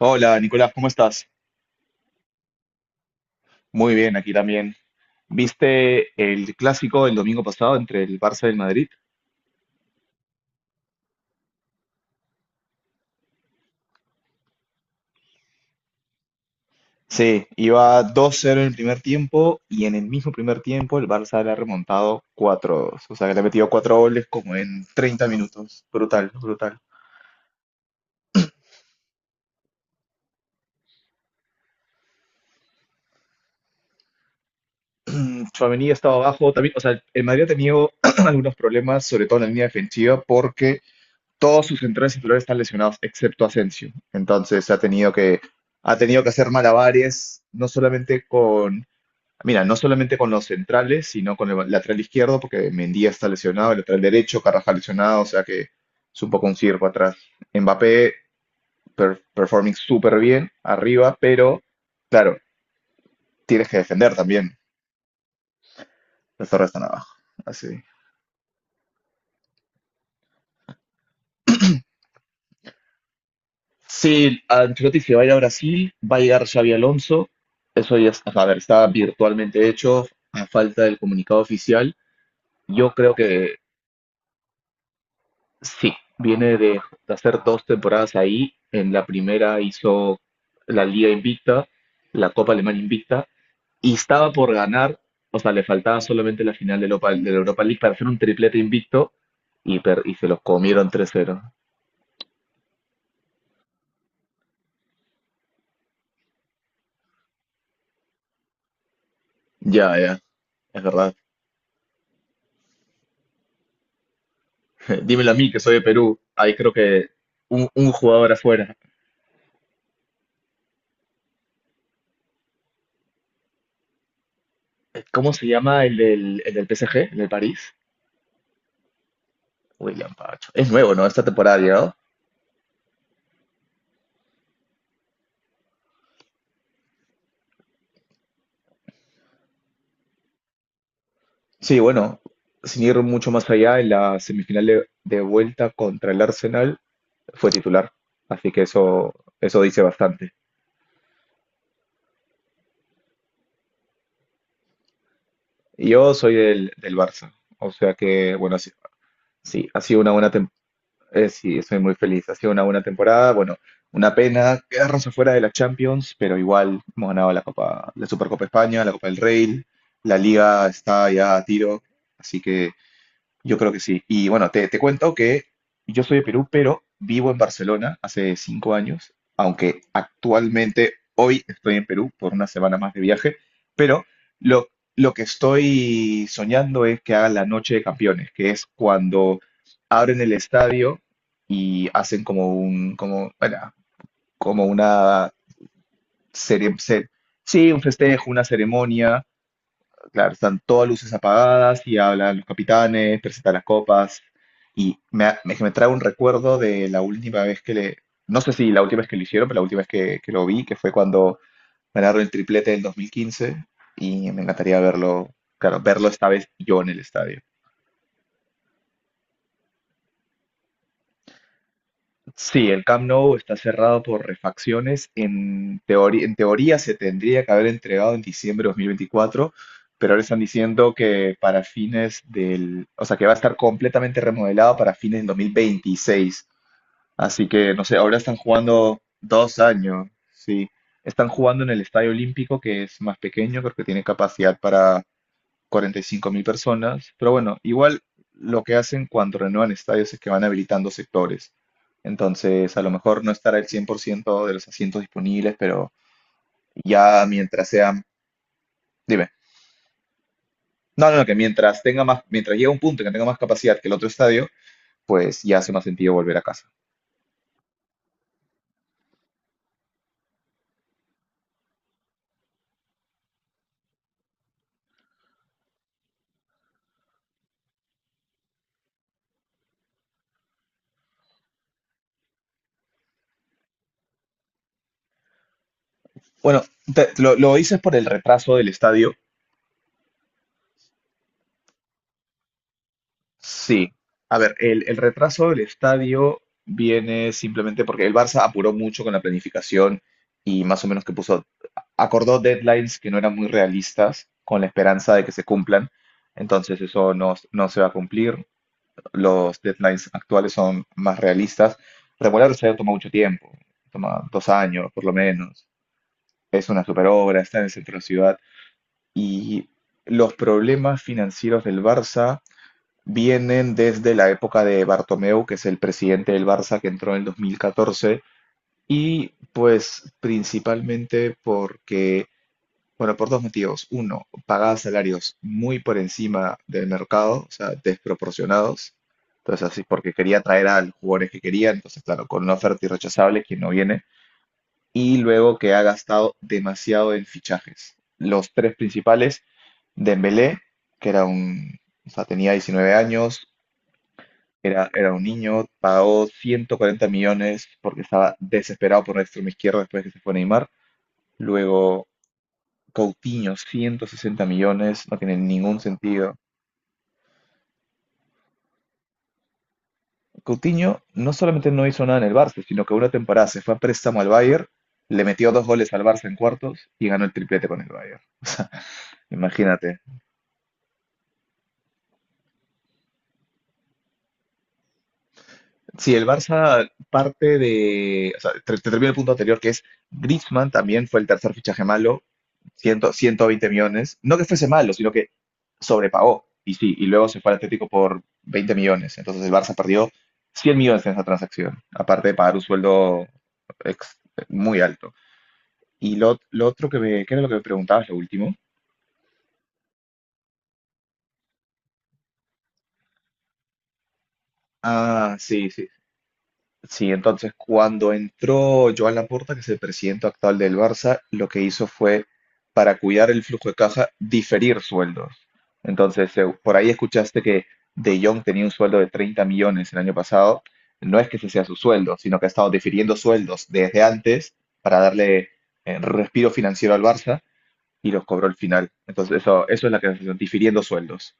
Hola, Nicolás, ¿cómo estás? Muy bien, aquí también. ¿Viste el clásico el domingo pasado entre el Barça y el Madrid? Sí, iba 2-0 en el primer tiempo y en el mismo primer tiempo el Barça le ha remontado 4-2. O sea que le ha metido 4 goles como en 30 minutos. Brutal, brutal. Tchouaméni estaba estado abajo también. O sea, el Madrid ha tenido algunos problemas, sobre todo en la línea defensiva, porque todos sus centrales titulares están lesionados, excepto Asensio. Entonces ha tenido que hacer malabares, mira, no solamente con los centrales, sino con el lateral izquierdo, porque Mendía está lesionado, el lateral derecho, Carvajal lesionado, o sea que es un poco un circo atrás. Mbappé performing súper bien arriba, pero claro, tienes que defender también, el Torres está abajo. Así. Sí, Ancelotti se va a ir a Brasil, va a llegar Xavi Alonso, eso ya está, a ver, está virtualmente hecho a falta del comunicado oficial. Yo creo que sí, viene de hacer dos temporadas ahí, en la primera hizo la Liga Invicta, la Copa Alemana Invicta, y estaba por ganar, o sea, le faltaba solamente la final de la Europa League para hacer un triplete invicto y se los comieron tres 0. Ya, ya, es verdad. Dímelo a mí, que soy de Perú. Ahí creo que un jugador afuera. ¿Cómo se llama el del PSG, el del París? William Pacho. Es nuevo, ¿no? Esta temporada ha llegado. Sí, bueno, sin ir mucho más allá, en la semifinal de vuelta contra el Arsenal fue titular, así que eso dice bastante. Yo soy del Barça, o sea que, bueno, sí, sí, ha sido una buena temporada. Sí, soy muy feliz. Ha sido una buena temporada. Bueno, una pena quedarnos afuera de la Champions, pero igual hemos ganado la Copa, la Supercopa España, la Copa del Rey, la Liga está ya a tiro, así que yo creo que sí. Y bueno, te cuento que yo soy de Perú, pero vivo en Barcelona hace 5 años, aunque actualmente hoy estoy en Perú por una semana más de viaje, pero lo, lo que estoy soñando es que hagan la Noche de Campeones, que es cuando abren el estadio y hacen bueno, como una serie, sí, un festejo, una ceremonia. Claro, están todas luces apagadas y hablan los capitanes, presentan las copas y me trae un recuerdo de la última vez no sé si la última vez que lo hicieron, pero la última vez que lo vi, que fue cuando ganaron el triplete del 2015 y me encantaría verlo, claro, verlo esta vez yo en el estadio. Sí, el Camp Nou está cerrado por refacciones. En teoría se tendría que haber entregado en diciembre de 2024, pero ahora están diciendo que o sea, que va a estar completamente remodelado para fines del 2026. Así que, no sé, ahora están jugando 2 años, sí. Están jugando en el Estadio Olímpico, que es más pequeño, creo que tiene capacidad para 45.000 personas, pero bueno, igual lo que hacen cuando renuevan estadios es que van habilitando sectores. Entonces, a lo mejor no estará el 100% de los asientos disponibles, pero ya mientras sean, dime, no, no, no, que mientras tenga más, mientras llegue a un punto en que tenga más capacidad que el otro estadio, pues ya hace más sentido volver a casa. Bueno, lo dices por el retraso del estadio. Sí, a ver, el retraso del estadio viene simplemente porque el Barça apuró mucho con la planificación y más o menos que acordó deadlines que no eran muy realistas con la esperanza de que se cumplan. Entonces eso no se va a cumplir. Los deadlines actuales son más realistas. Remodelar el estadio toma mucho tiempo, toma 2 años por lo menos. Es una super obra, está en el centro de la ciudad y los problemas financieros del Barça vienen desde la época de Bartomeu, que es el presidente del Barça que entró en el 2014 y pues principalmente porque, bueno, por dos motivos. Uno, pagaba salarios muy por encima del mercado, o sea, desproporcionados. Entonces, así, porque quería traer a los jugadores que quería, entonces, claro, con una oferta irrechazable, quien no viene. Y luego que ha gastado demasiado en fichajes. Los tres principales, Dembélé, que o sea, tenía 19 años, era un niño, pagó 140 millones porque estaba desesperado por una extrema izquierda después de que se fue Neymar. Luego Coutinho, 160 millones, no tiene ningún sentido. Coutinho no solamente no hizo nada en el Barça, sino que una temporada se fue a préstamo al Bayern, le metió dos goles al Barça en cuartos y ganó el triplete con el Bayern. Imagínate. Sí, el Barça o sea, te termino el punto anterior que es Griezmann también fue el tercer fichaje malo, 120 millones, no que fuese malo, sino que sobrepagó y sí, y luego se fue al Atlético por 20 millones, entonces el Barça perdió 100 millones en esa transacción, aparte de pagar un sueldo ex- muy alto. Y lo otro ¿qué era lo que me preguntabas, lo último? Ah, sí, sí. Sí, entonces cuando entró Joan Laporta, que es el presidente actual del Barça, lo que hizo fue, para cuidar el flujo de caja, diferir sueldos. Entonces, por ahí escuchaste que De Jong tenía un sueldo de 30 millones el año pasado. No es que ese sea su sueldo, sino que ha estado difiriendo sueldos desde antes para darle respiro financiero al Barça y los cobró al final. Entonces, eso es la clasificación, difiriendo sueldos.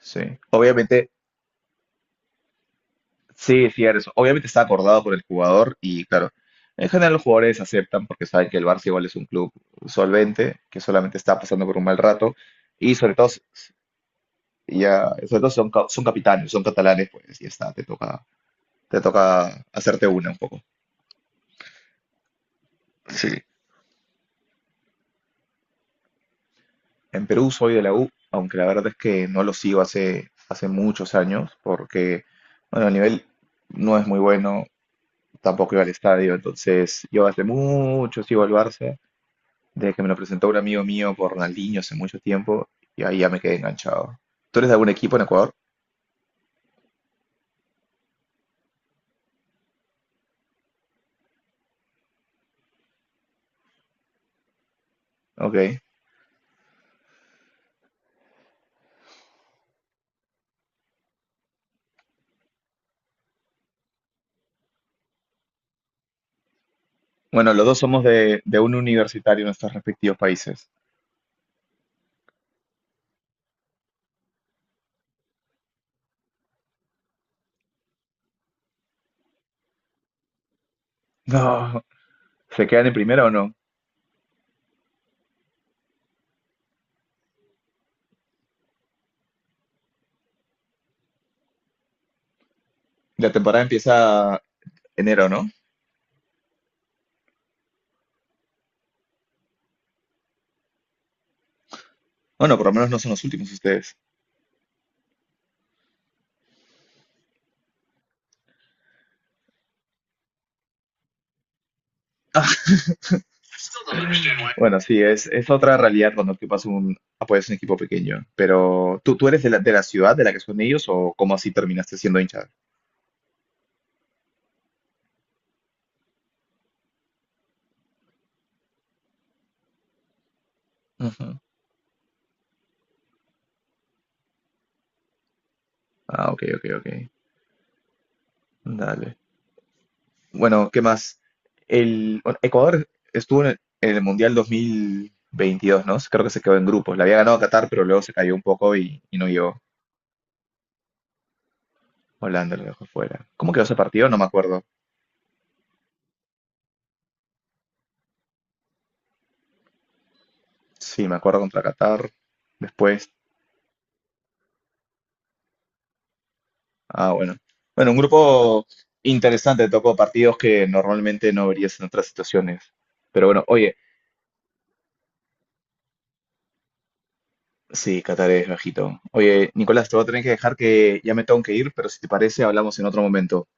Sí. Obviamente, Sí, sí, eso. Obviamente está acordado por el jugador y claro, en general los jugadores aceptan porque saben que el Barça igual es un club solvente, que solamente está pasando por un mal rato y sobre todo, ya, sobre todo son capitanes, son catalanes, pues ya está, te toca hacerte una un poco. Sí, en Perú soy de la U, aunque la verdad es que no lo sigo hace muchos años porque, bueno, el nivel no es muy bueno, tampoco iba al estadio, entonces yo hace mucho sigo al Barça desde que me lo presentó un amigo mío por Ronaldinho hace mucho tiempo y ahí ya me quedé enganchado. ¿Tú eres de algún equipo en Ecuador? Ok. Bueno, los dos somos de un universitario en nuestros respectivos países. No. ¿Se quedan en primera o no? La temporada empieza enero, ¿no? Bueno, por lo menos no son los últimos ustedes. Bueno, sí, es otra realidad cuando tú pasas apoyas un equipo pequeño. Pero, ¿tú eres de la, ciudad de la que son ellos o cómo así terminaste siendo hincha? Ujú. Ah, ok, ok, ok. Dale. Bueno, ¿qué más? Bueno, Ecuador estuvo en el Mundial 2022, ¿no? Creo que se quedó en grupos. La había ganado Qatar, pero luego se cayó un poco y no llegó. Holanda lo dejó fuera. ¿Cómo quedó ese partido? No me acuerdo. Sí, me acuerdo contra Qatar. Después, ah, bueno. Bueno, un grupo interesante, tocó partidos que normalmente no verías en otras situaciones. Pero bueno, oye, sí, Qatar es bajito. Oye, Nicolás, te voy a tener que dejar que ya me tengo que ir, pero si te parece, hablamos en otro momento.